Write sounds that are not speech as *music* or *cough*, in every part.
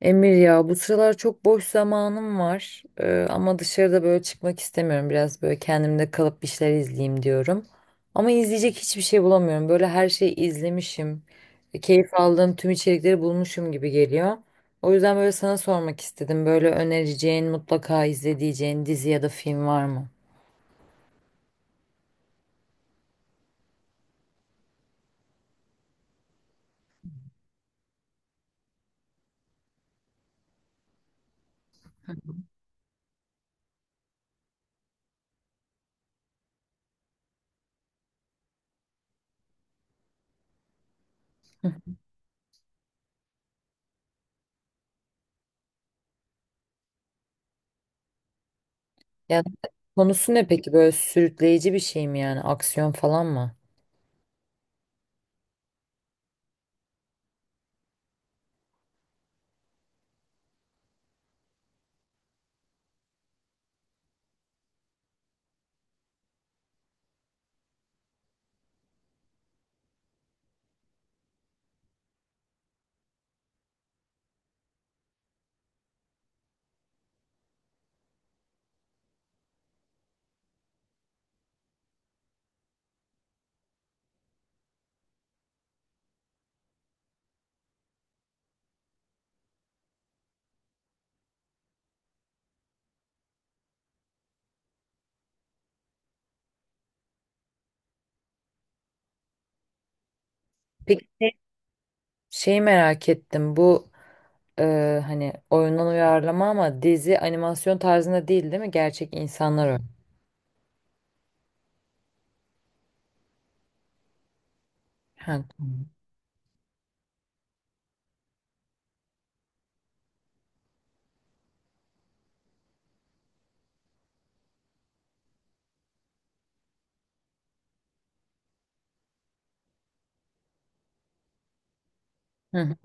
Emir, ya bu sıralar çok boş zamanım var. Ama dışarıda böyle çıkmak istemiyorum, biraz böyle kendimde kalıp bir şeyler izleyeyim diyorum, ama izleyecek hiçbir şey bulamıyorum, böyle her şeyi izlemişim. Keyif aldığım tüm içerikleri bulmuşum gibi geliyor. O yüzden böyle sana sormak istedim, böyle önereceğin, mutlaka izleyeceğin dizi ya da film var mı? Hı. Yani konusu ne peki, böyle sürükleyici bir şey mi, yani aksiyon falan mı? Peki şey merak ettim bu, e, hani oyundan uyarlama ama dizi animasyon tarzında değil mi? Gerçek insanlar oynuyor. Ha, tamam. Hı hı.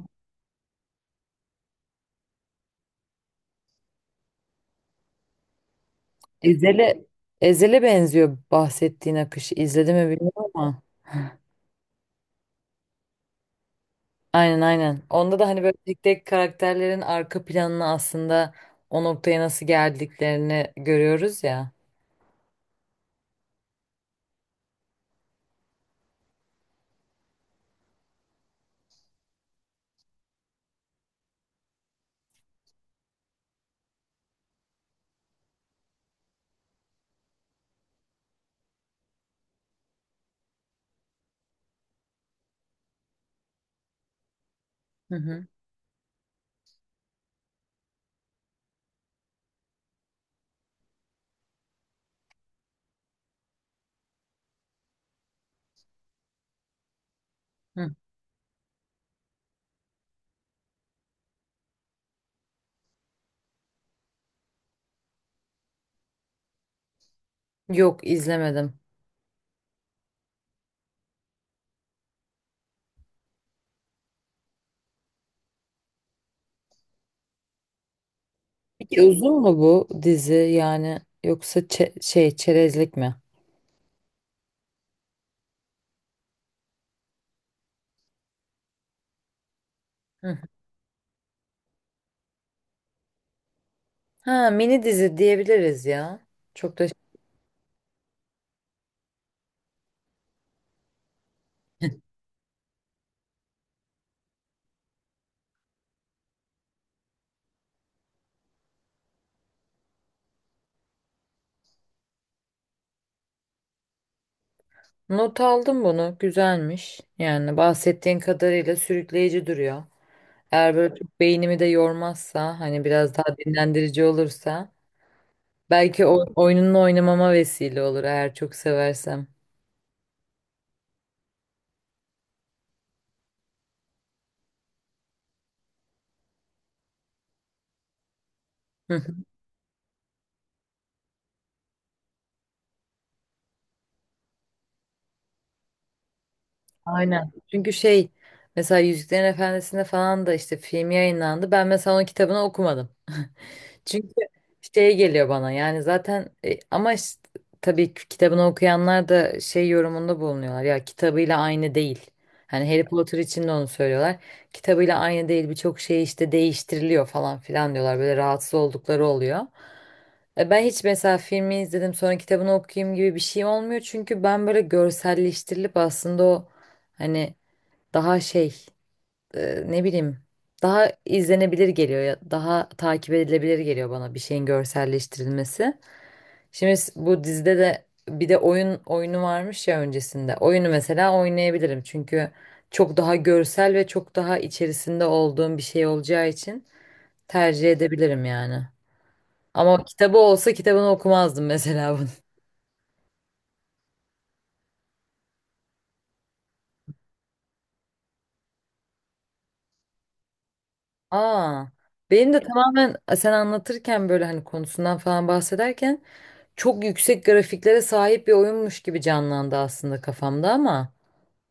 Ezel'e Ezel'e benziyor bahsettiğin akış. İzledi mi bilmiyorum ama. Aynen, aynen. Onda da hani böyle tek tek karakterlerin arka planını, aslında o noktaya nasıl geldiklerini görüyoruz ya. Hı hı. Hı. Yok, izlemedim. Peki uzun mu bu dizi, yani yoksa çerezlik mi? Hı. Ha, mini dizi diyebiliriz ya. Çok da *laughs* Not aldım bunu. Güzelmiş. Yani bahsettiğin kadarıyla sürükleyici duruyor. Eğer böyle çok beynimi de yormazsa, hani biraz daha dinlendirici olursa, belki o oyununu oynamama vesile olur eğer çok seversem. Hı hı. Aynen. Çünkü şey, mesela Yüzüklerin Efendisi'nde falan da işte film yayınlandı. Ben mesela onun kitabını okumadım. Çünkü şey geliyor bana, yani zaten ama işte, tabii ki kitabını okuyanlar da şey yorumunda bulunuyorlar ya, kitabıyla aynı değil. Hani Harry Potter için de onu söylüyorlar. Kitabıyla aynı değil, birçok şey işte değiştiriliyor falan filan diyorlar. Böyle rahatsız oldukları oluyor. Ben hiç mesela filmi izledim sonra kitabını okuyayım gibi bir şeyim olmuyor. Çünkü ben böyle görselleştirilip aslında o hani daha ne bileyim daha izlenebilir geliyor ya, daha takip edilebilir geliyor bana bir şeyin görselleştirilmesi. Şimdi bu dizide de bir de oyunu varmış ya öncesinde. Oyunu mesela oynayabilirim çünkü çok daha görsel ve çok daha içerisinde olduğum bir şey olacağı için tercih edebilirim yani. Ama kitabı olsa kitabını okumazdım *laughs* mesela bunu. Aa, benim de tamamen sen anlatırken, böyle hani konusundan falan bahsederken çok yüksek grafiklere sahip bir oyunmuş gibi canlandı aslında kafamda, ama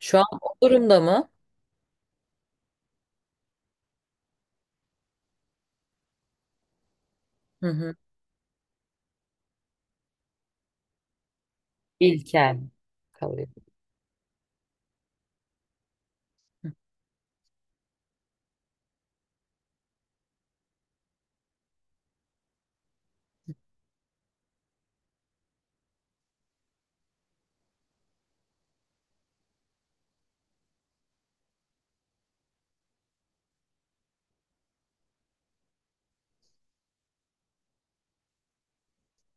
şu an o durumda mı? Hı hı. İlkel kalıyor.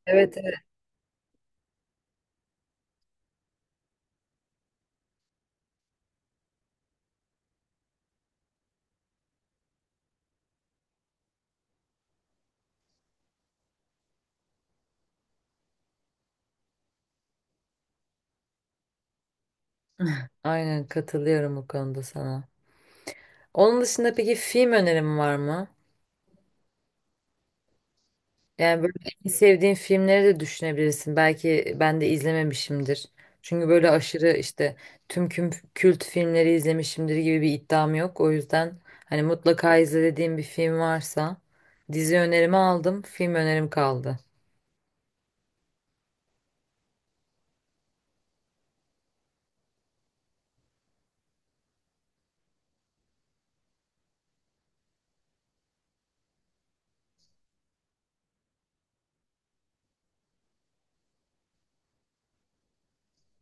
Evet, evet. Aynen katılıyorum bu konuda sana. Onun dışında peki film önerim var mı? Yani böyle en sevdiğin filmleri de düşünebilirsin. Belki ben de izlememişimdir. Çünkü böyle aşırı işte tüm kült filmleri izlemişimdir gibi bir iddiam yok. O yüzden hani mutlaka izle dediğim bir film varsa, dizi önerimi aldım, film önerim kaldı.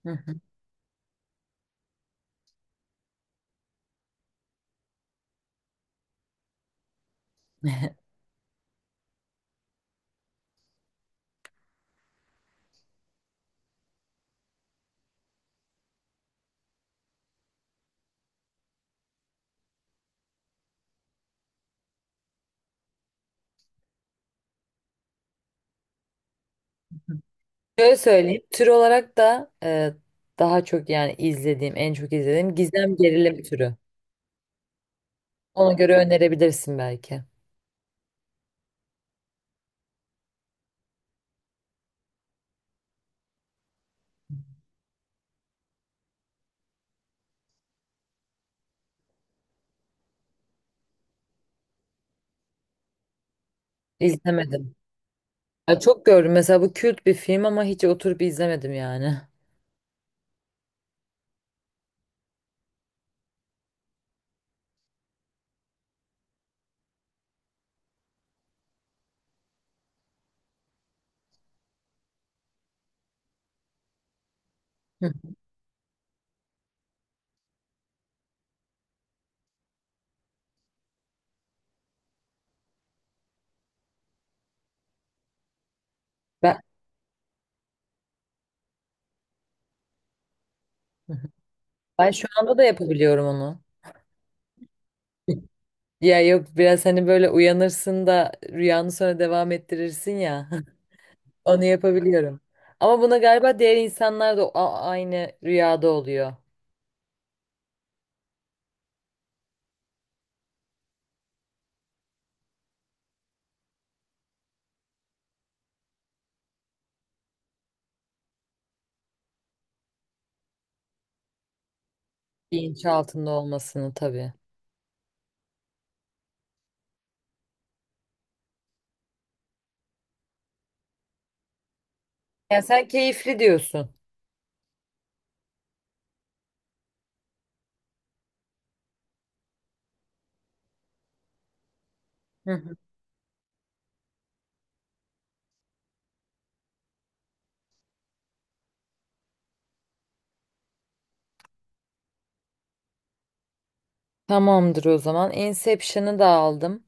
Hı hı. *laughs* Şöyle söyleyeyim. Tür olarak da daha çok yani en çok izlediğim gizem gerilim türü. Ona göre önerebilirsin belki. İzlemedim. Ya çok gördüm. Mesela bu kült bir film ama hiç oturup izlemedim yani. Hı. Ben, ben şu anda da yapabiliyorum onu. Ya yok, biraz hani böyle uyanırsın da rüyanı sonra devam ettirirsin ya. *laughs* Onu yapabiliyorum. Ama buna galiba diğer insanlar da aynı rüyada oluyor. Bilinç altında olmasını tabii. Yani sen keyifli diyorsun. Hı hı. Tamamdır o zaman. Inception'ı da aldım.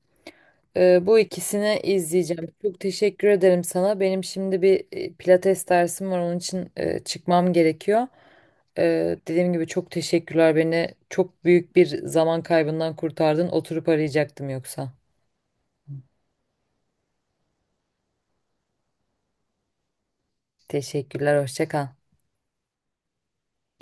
Bu ikisini izleyeceğim. Çok teşekkür ederim sana. Benim şimdi bir pilates dersim var. Onun için çıkmam gerekiyor. Dediğim gibi çok teşekkürler. Beni çok büyük bir zaman kaybından kurtardın. Oturup arayacaktım yoksa. Teşekkürler. Hoşça kal.